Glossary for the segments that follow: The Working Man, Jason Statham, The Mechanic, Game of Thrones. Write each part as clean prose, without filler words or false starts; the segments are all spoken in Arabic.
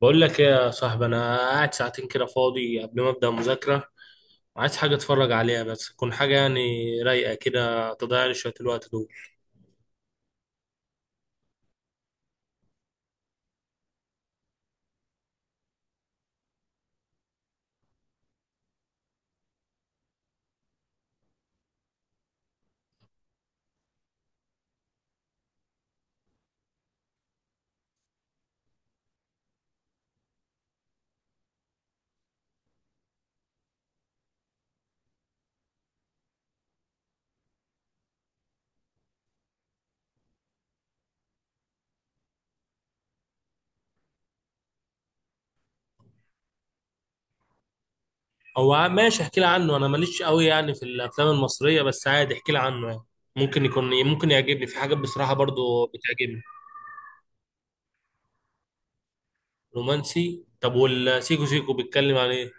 بقول لك ايه يا صاحبي؟ انا قاعد ساعتين كده فاضي قبل ما ابدا مذاكره. عايز حاجه اتفرج عليها، بس تكون حاجه يعني رايقه كده، تضيع لي شويه الوقت دول. ماشي، احكي لي عنه. انا ماليش قوي يعني في الافلام المصريه، بس عادي احكي لي عنه يعني. ممكن يكون ممكن يعجبني، في حاجات بصراحه برضو بتعجبني. رومانسي. طب والسيكو سيكو بيتكلم عن ايه؟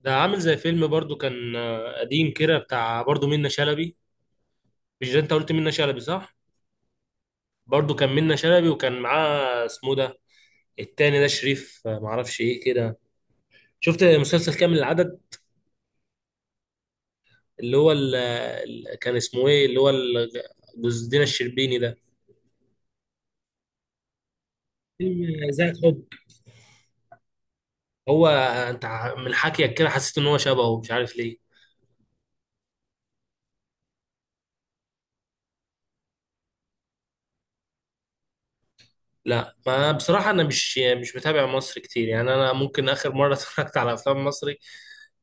ده عامل زي فيلم برضو كان قديم كده بتاع برضو منة شلبي. مش ده انت قلت منة شلبي، صح؟ برضو كان منة شلبي، وكان معاه اسمه ده. التاني ده شريف، معرفش ايه كده. شفت مسلسل كامل العدد؟ اللي هو كان اسمه ايه، اللي هو جوز دينا الشربيني ده، فيلم ذات حب. هو من حكيك كده حسيت ان هو شبهه مش عارف ليه. لا، ما بصراحة انا مش متابع مصر كتير يعني. انا ممكن اخر مرة اتفرجت على افلام مصري.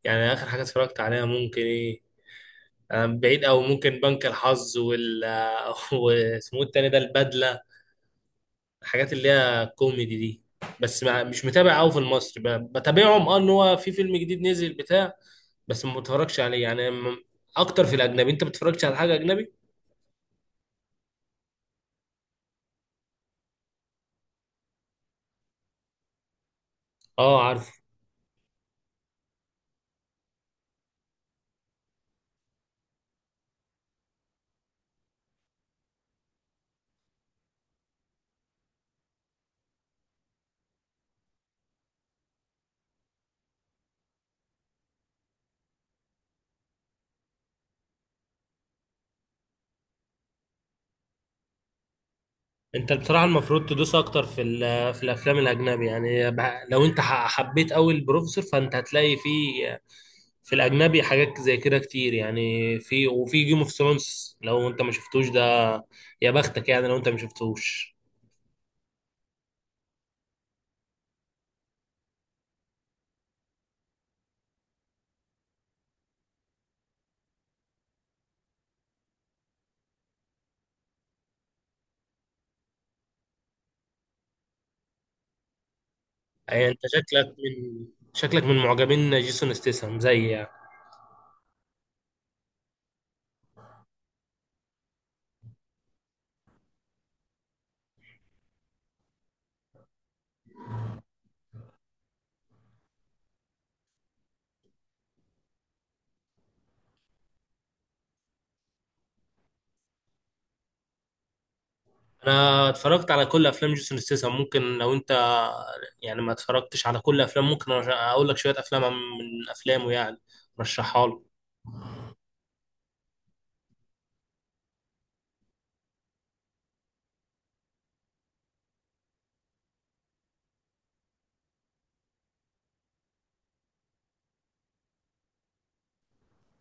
يعني اخر حاجة اتفرجت عليها ممكن ايه؟ أنا بعيد او ممكن بنك الحظ واسمه إيه التاني ده البدلة، الحاجات اللي هي كوميدي دي. بس ما مش متابع قوي في المصري، بتابعهم، اه ان هو في فيلم جديد نزل بتاع، بس ما بتفرجش عليه يعني، اكتر في الاجنبي. انت بتتفرجش على حاجه اجنبي؟ اه، عارف. انت بصراحه المفروض تدوس اكتر في الافلام الاجنبي، يعني لو انت حبيت قوي البروفيسور، فانت هتلاقي في الاجنبي حاجات زي كده كتير يعني، في وفي جيم اوف ثرونز. لو انت ما شفتوش ده، يا بختك، يعني لو انت ما شفتوش. يعني انت شكلك من معجبين جيسون ستيسن زي يعني. انا اتفرجت على كل افلام جيسون ستيسن. ممكن لو انت يعني ما اتفرجتش على كل افلام، ممكن اقول لك شويه افلام من افلامه يعني، رشحها له.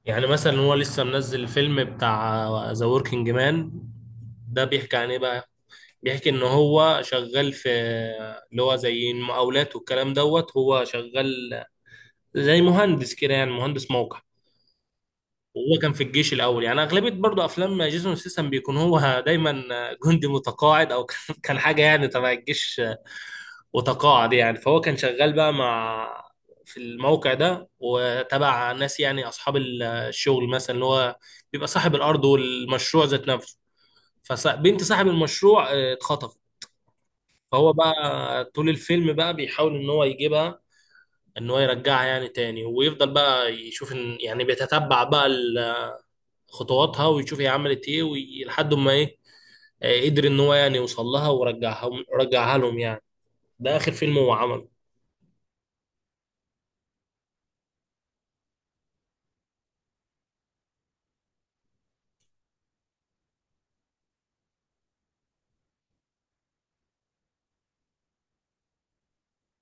يعني مثلا هو لسه منزل الفيلم بتاع ذا وركينج مان. ده بيحكي عن ايه بقى؟ بيحكي ان هو شغال في، اللي هو زي المقاولات والكلام دوت، هو شغال زي مهندس كده، يعني مهندس موقع. وهو كان في الجيش الاول، يعني اغلبيه برضو افلام جيسون سيسم بيكون هو دايما جندي متقاعد، او كان حاجه يعني تبع الجيش وتقاعد، يعني فهو كان شغال بقى مع، في الموقع ده، وتبع ناس يعني اصحاب الشغل مثلا، اللي هو بيبقى صاحب الارض والمشروع ذات نفسه. فبنت صاحب المشروع اتخطفت. فهو بقى طول الفيلم بقى بيحاول ان هو يجيبها، ان هو يرجعها يعني تاني، ويفضل بقى يشوف، ان يعني بيتتبع بقى خطواتها، ويشوف هي عملت ايه، لحد ما ايه، قدر ان هو يعني يوصل لها ورجعها، رجعها لهم يعني. ده اخر فيلم هو عمله.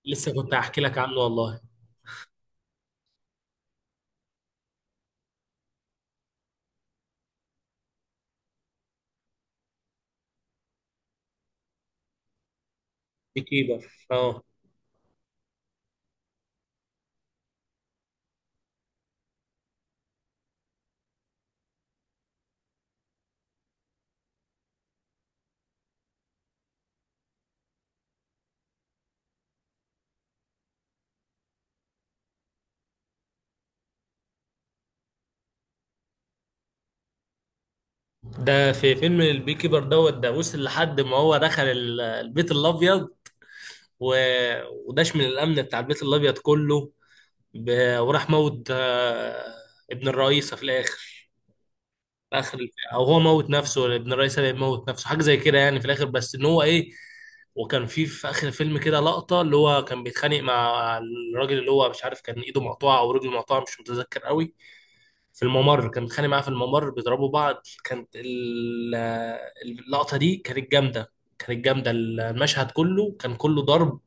لسه كنت هحكي لك عنه والله. بي كيبر، اه. ده في فيلم البي كيبر دوت، ده وصل لحد ما هو دخل البيت الابيض و... وداش من الامن بتاع البيت الابيض كله، ب... وراح موت ابن الرئيسة في الاخر. في اخر او هو موت نفسه ولا ابن الرئيس اللي موت نفسه، حاجه زي كده يعني في الاخر، بس ان هو ايه. وكان في اخر الفيلم كده لقطه، اللي هو كان بيتخانق مع الراجل اللي هو مش عارف كان ايده مقطوعه او رجله مقطوعه، مش متذكر قوي. في الممر كان بيتخانق معاه، في الممر بيضربوا بعض. اللقطه دي كانت جامده، كانت جامده، المشهد كله كان كله ضرب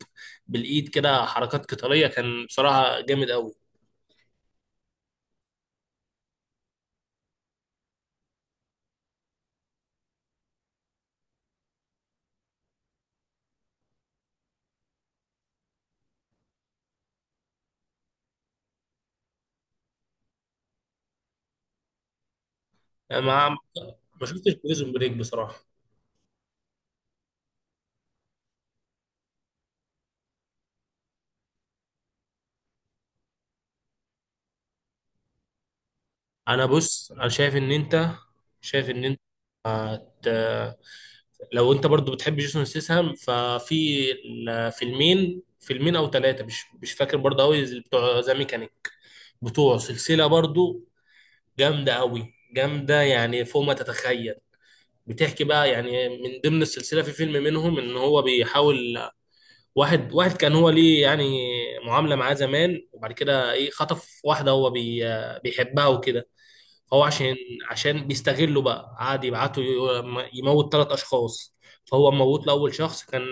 بالايد كده، حركات قتاليه، كان بصراحه جامد قوي. ما ما شفتش بريزون بريك بصراحه. انا بص، انا شايف ان انت هت... لو انت برضو بتحب جيسون ستاثام، فيلمين فيلمين او ثلاثه، مش فاكر برضو قوي، بتوع ذا ميكانيك، بتوع سلسله برضو، جامده قوي، جامده يعني فوق ما تتخيل. بتحكي بقى يعني من ضمن السلسله في فيلم منهم ان هو بيحاول، واحد واحد كان هو ليه يعني معامله معاه زمان، وبعد كده ايه خطف واحده هو بيحبها وكده. فهو عشان بيستغلوا بقى، قعد يبعتوا يموت 3 اشخاص. فهو موت له اول شخص، كان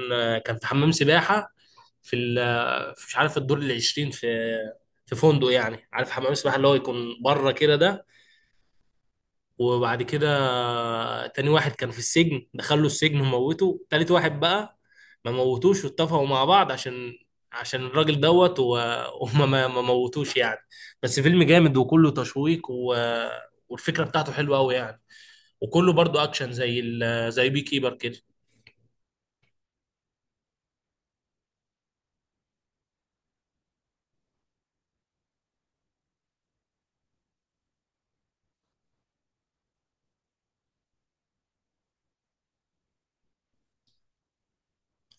كان في حمام سباحه، مش عارف الدور العشرين في فندق، يعني عارف حمام السباحه اللي هو يكون بره كده ده. وبعد كده، تاني واحد كان في السجن، دخله السجن وموته. تالت واحد بقى ما موتوش، واتفقوا مع بعض عشان الراجل دوت وما ما ما موتوش يعني. بس فيلم جامد وكله تشويق والفكرة بتاعته حلوة قوي يعني، وكله برضو اكشن زي بي كيبر كده.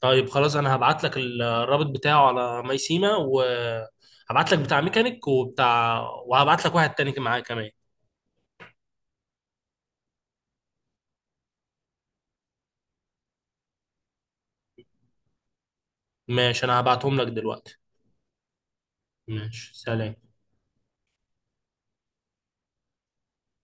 طيب، خلاص. انا هبعت لك الرابط بتاعه على ميسيما، وهبعت لك بتاع ميكانيك وبتاع، وهبعت لك واحد تاني معاه كمان. ماشي، انا هبعتهم لك دلوقتي. ماشي، سلام.